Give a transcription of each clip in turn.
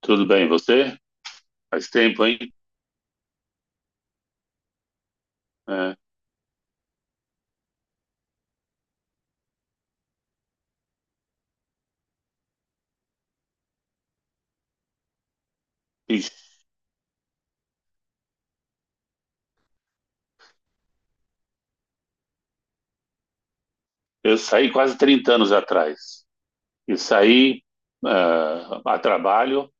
Tudo bem, você? Faz tempo, hein? É. Ixi, eu saí quase 30 anos atrás. E saí a trabalho.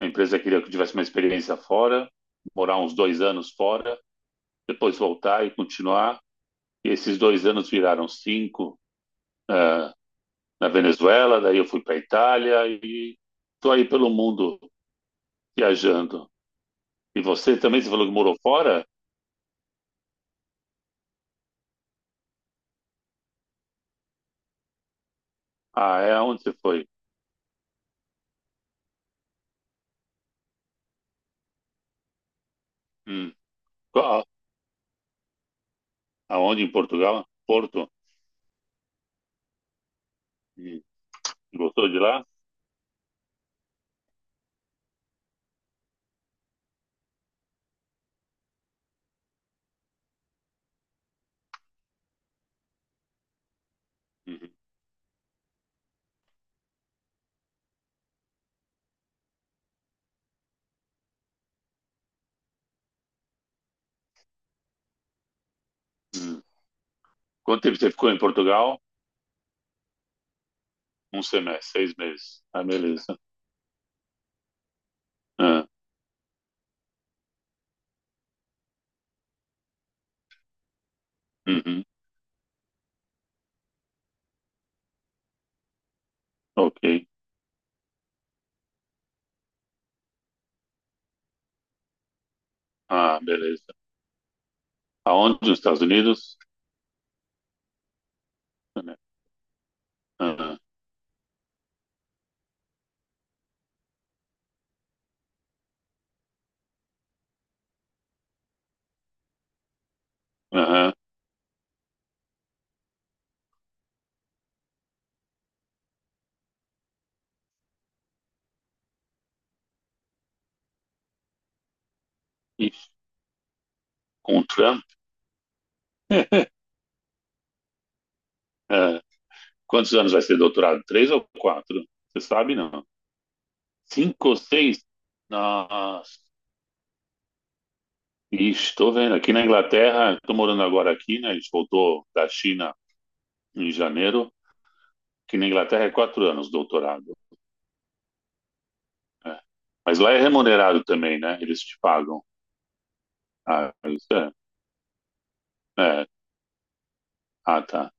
A empresa queria que eu tivesse uma experiência fora, morar uns 2 anos fora, depois voltar e continuar. E esses 2 anos viraram cinco, ah, na Venezuela. Daí eu fui para a Itália e estou aí pelo mundo viajando. E você também, você falou que morou fora? Ah, é? Aonde você foi? Hum. Qual- Aonde em Portugal? Porto? Hum. Gostou de lá? Uhum. Uhum. Quanto tempo você ficou em Portugal? Um semestre, 6 meses. Ah, beleza. Ah, uhum. Ok. Ah, beleza. Aonde? Nos Estados Unidos? Aham. Aham. E com o Trump? Ah, quantos anos vai ser doutorado? Três ou quatro? Você sabe, não? Cinco ou seis? Nossa. Ixi, estou vendo. Aqui na Inglaterra, estou morando agora aqui, né? A gente voltou da China em janeiro. Aqui na Inglaterra é 4 anos doutorado. É. Mas lá é remunerado também, né? Eles te pagam. Ah, isso é. É. Ah, tá.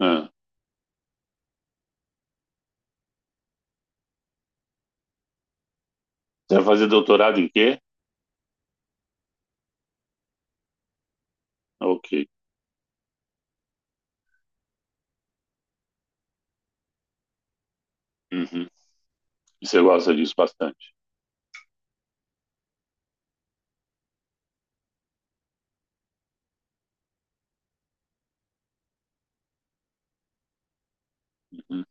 Ah. Você vai fazer doutorado em quê? Ok. Uhum. E você gosta disso bastante. Uhum.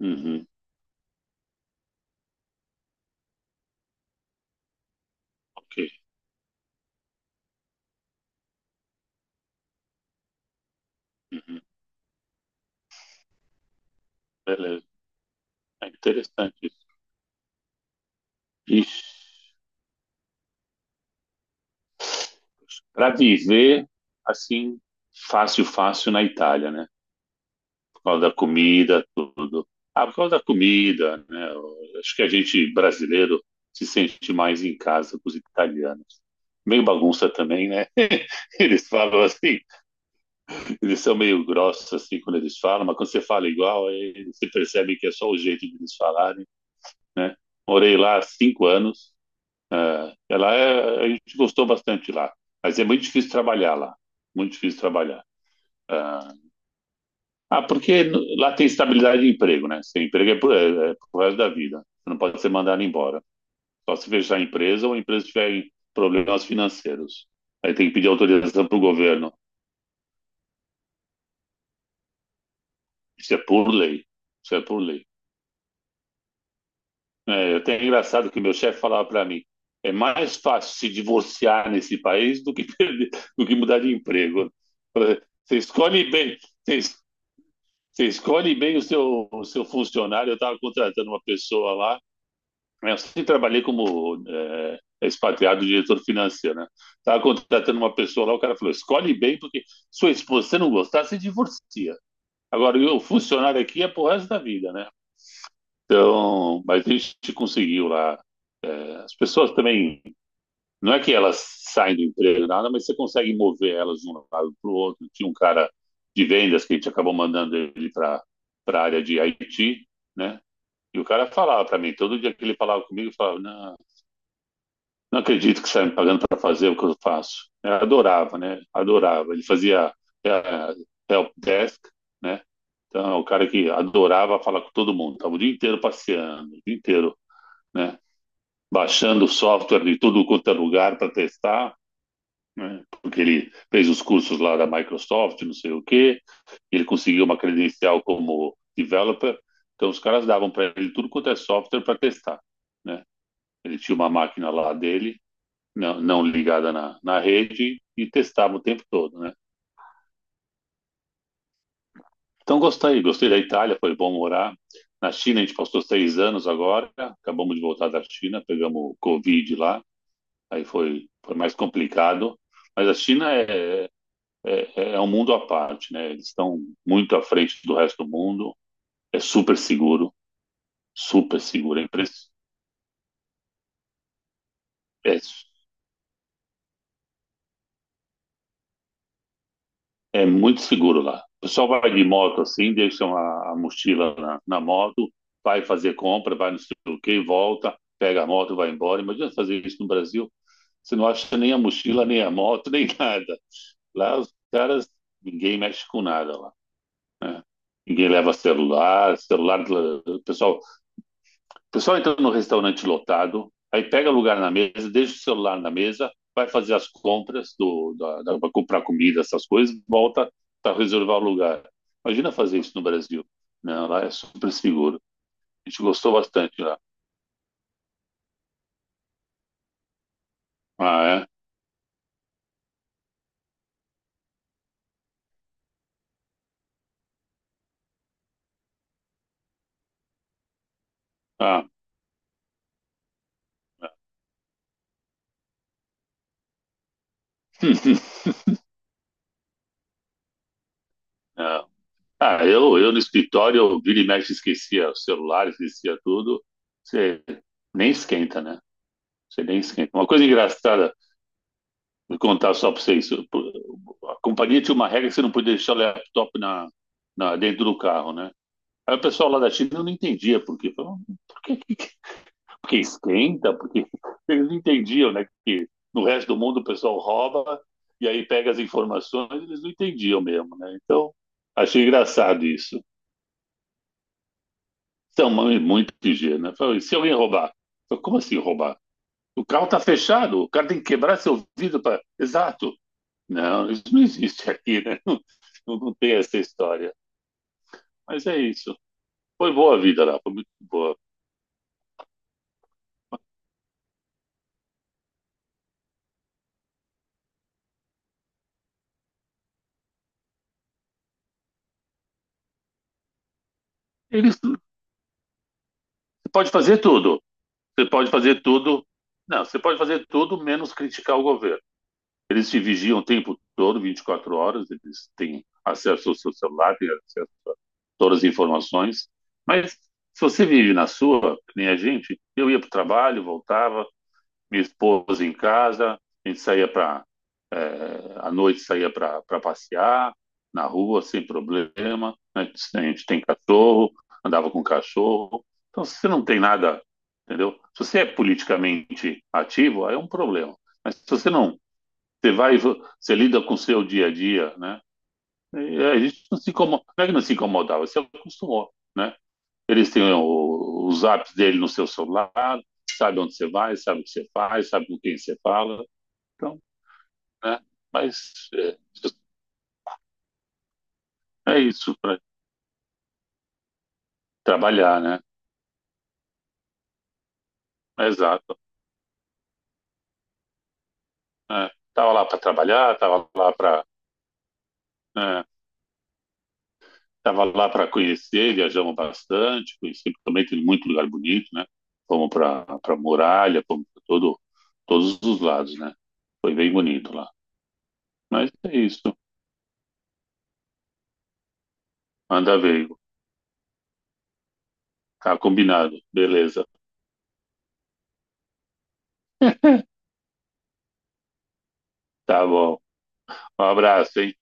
Uhum. Ok. Uhum. Beleza. É interessante isso. Ixi. Para viver assim, fácil, fácil na Itália, né? Por causa da comida, tudo. Ah, por causa da comida, né? Eu acho que a gente brasileiro se sente mais em casa com os italianos. Meio bagunça também, né? Eles falam assim, eles são meio grossos assim quando eles falam, mas quando você fala igual, aí você percebe que é só o jeito de eles falarem, né? Morei lá há 5 anos. Ela é, a gente gostou bastante lá, mas é muito difícil trabalhar lá, muito difícil trabalhar. Ah, ah, porque lá tem estabilidade de emprego, né? Seu emprego é pro resto da vida. Você não pode ser mandado embora. Só se fechar a empresa ou a empresa tiver problemas financeiros. Aí tem que pedir autorização pro governo. Isso é por lei. Isso é por lei. É, até é engraçado que meu chefe falava para mim, é mais fácil se divorciar nesse país do que perder, do que mudar de emprego. Você escolhe bem, você, você escolhe bem o seu funcionário. Eu estava contratando uma pessoa lá. É, eu sempre trabalhei como expatriado diretor financeiro, né? Tava contratando uma pessoa lá, o cara falou: escolhe bem, porque sua esposa, se você não gostar, você divorcia. Agora, o funcionário aqui é pro resto da vida, né? Então, mas a gente conseguiu lá. É, as pessoas também, não é que elas saem do emprego, nada, mas você consegue mover elas de um lado para o outro. Tinha um cara de vendas que a gente acabou mandando ele para a área de IT, né? E o cara falava para mim, todo dia que ele falava comigo, eu falava, não, não acredito que está me pagando para fazer o que eu faço. Eu adorava, né? Adorava. Ele fazia é, help desk, né? Então, é o cara que adorava falar com todo mundo. Estava o dia inteiro passeando, o dia inteiro, né? Baixando software de tudo quanto é lugar para testar, né? Porque ele fez os cursos lá da Microsoft, não sei o quê. Ele conseguiu uma credencial como developer. Então, os caras davam para ele tudo quanto é software para testar, né? Ele tinha uma máquina lá dele não, não ligada na rede e testava o tempo todo, né? Então gostei, gostei da Itália, foi bom morar. Na China a gente passou 6 anos agora, acabamos de voltar da China, pegamos o Covid lá, aí foi mais complicado. Mas a China é um mundo à parte, né? Eles estão muito à frente do resto do mundo, é super seguro, super seguro. É, é muito seguro lá. O pessoal vai de moto assim, deixa uma a mochila na moto, vai fazer compra, vai no sei o quê, volta, pega a moto, vai embora. Imagina fazer isso no Brasil. Você não acha nem a mochila, nem a moto, nem nada. Lá os caras, ninguém mexe com nada lá, né? Ninguém leva celular, celular, o pessoal o pessoal entra no restaurante lotado, aí pega lugar na mesa, deixa o celular na mesa, vai fazer as compras da para comprar comida, essas coisas, volta para reservar o lugar. Imagina fazer isso no Brasil. Não, lá é super seguro. A gente gostou bastante lá. Ah, é? Ah, Não. Eu no escritório, eu vira e mexe, esquecia o celular, esquecia tudo. Você nem esquenta, né? Você nem esquenta. Uma coisa engraçada. Vou contar só para vocês. A companhia tinha uma regra que você não podia deixar o laptop na, dentro do carro, né? Aí o pessoal lá da China não entendia por quê. Falou, por que, porque esquenta? Porque eles não entendiam, né? Que no resto do mundo o pessoal rouba e aí pega as informações, eles não entendiam mesmo, né? Então, achei engraçado isso. Então, muito ingênuo, né? Falei, se alguém roubar? Falei, como assim roubar? O carro tá fechado, o cara tem que quebrar seu vidro para. Exato. Não, isso não existe aqui, né? Não, não tem essa história. Mas é isso. Foi boa a vida lá, foi muito boa. Você pode fazer tudo. Você pode fazer tudo. Não, você pode fazer tudo menos criticar o governo. Eles te vigiam o tempo todo, 24 horas, eles têm acesso ao seu celular, têm acesso a todas as informações. Mas se você vive na sua, que nem a gente, eu ia para o trabalho, voltava, minha esposa em casa, a gente saía para. É, à noite saía para passear na rua sem problema. Né? A gente tem cachorro, andava com cachorro. Então, se você não tem nada, entendeu? Se você é politicamente ativo, aí é um problema. Mas se você não, você vai, você lida com o seu dia a dia, né? E a gente não se incomoda, não é que não se incomodava, você acostumou, né? Eles têm os apps dele no seu celular, sabe onde você vai, sabe o que você faz, sabe com quem você fala. Então, né? Mas é isso para trabalhar, né? É. Exato. É. Tava lá para trabalhar, é, tava lá para conhecer, viajamos bastante, conheci também tem muito lugar bonito, né? Fomos para muralha, fomos para todos os lados, né? Foi bem bonito lá. Mas é isso. Anda veio. Tá combinado. Beleza. Tá bom. Um abraço, hein?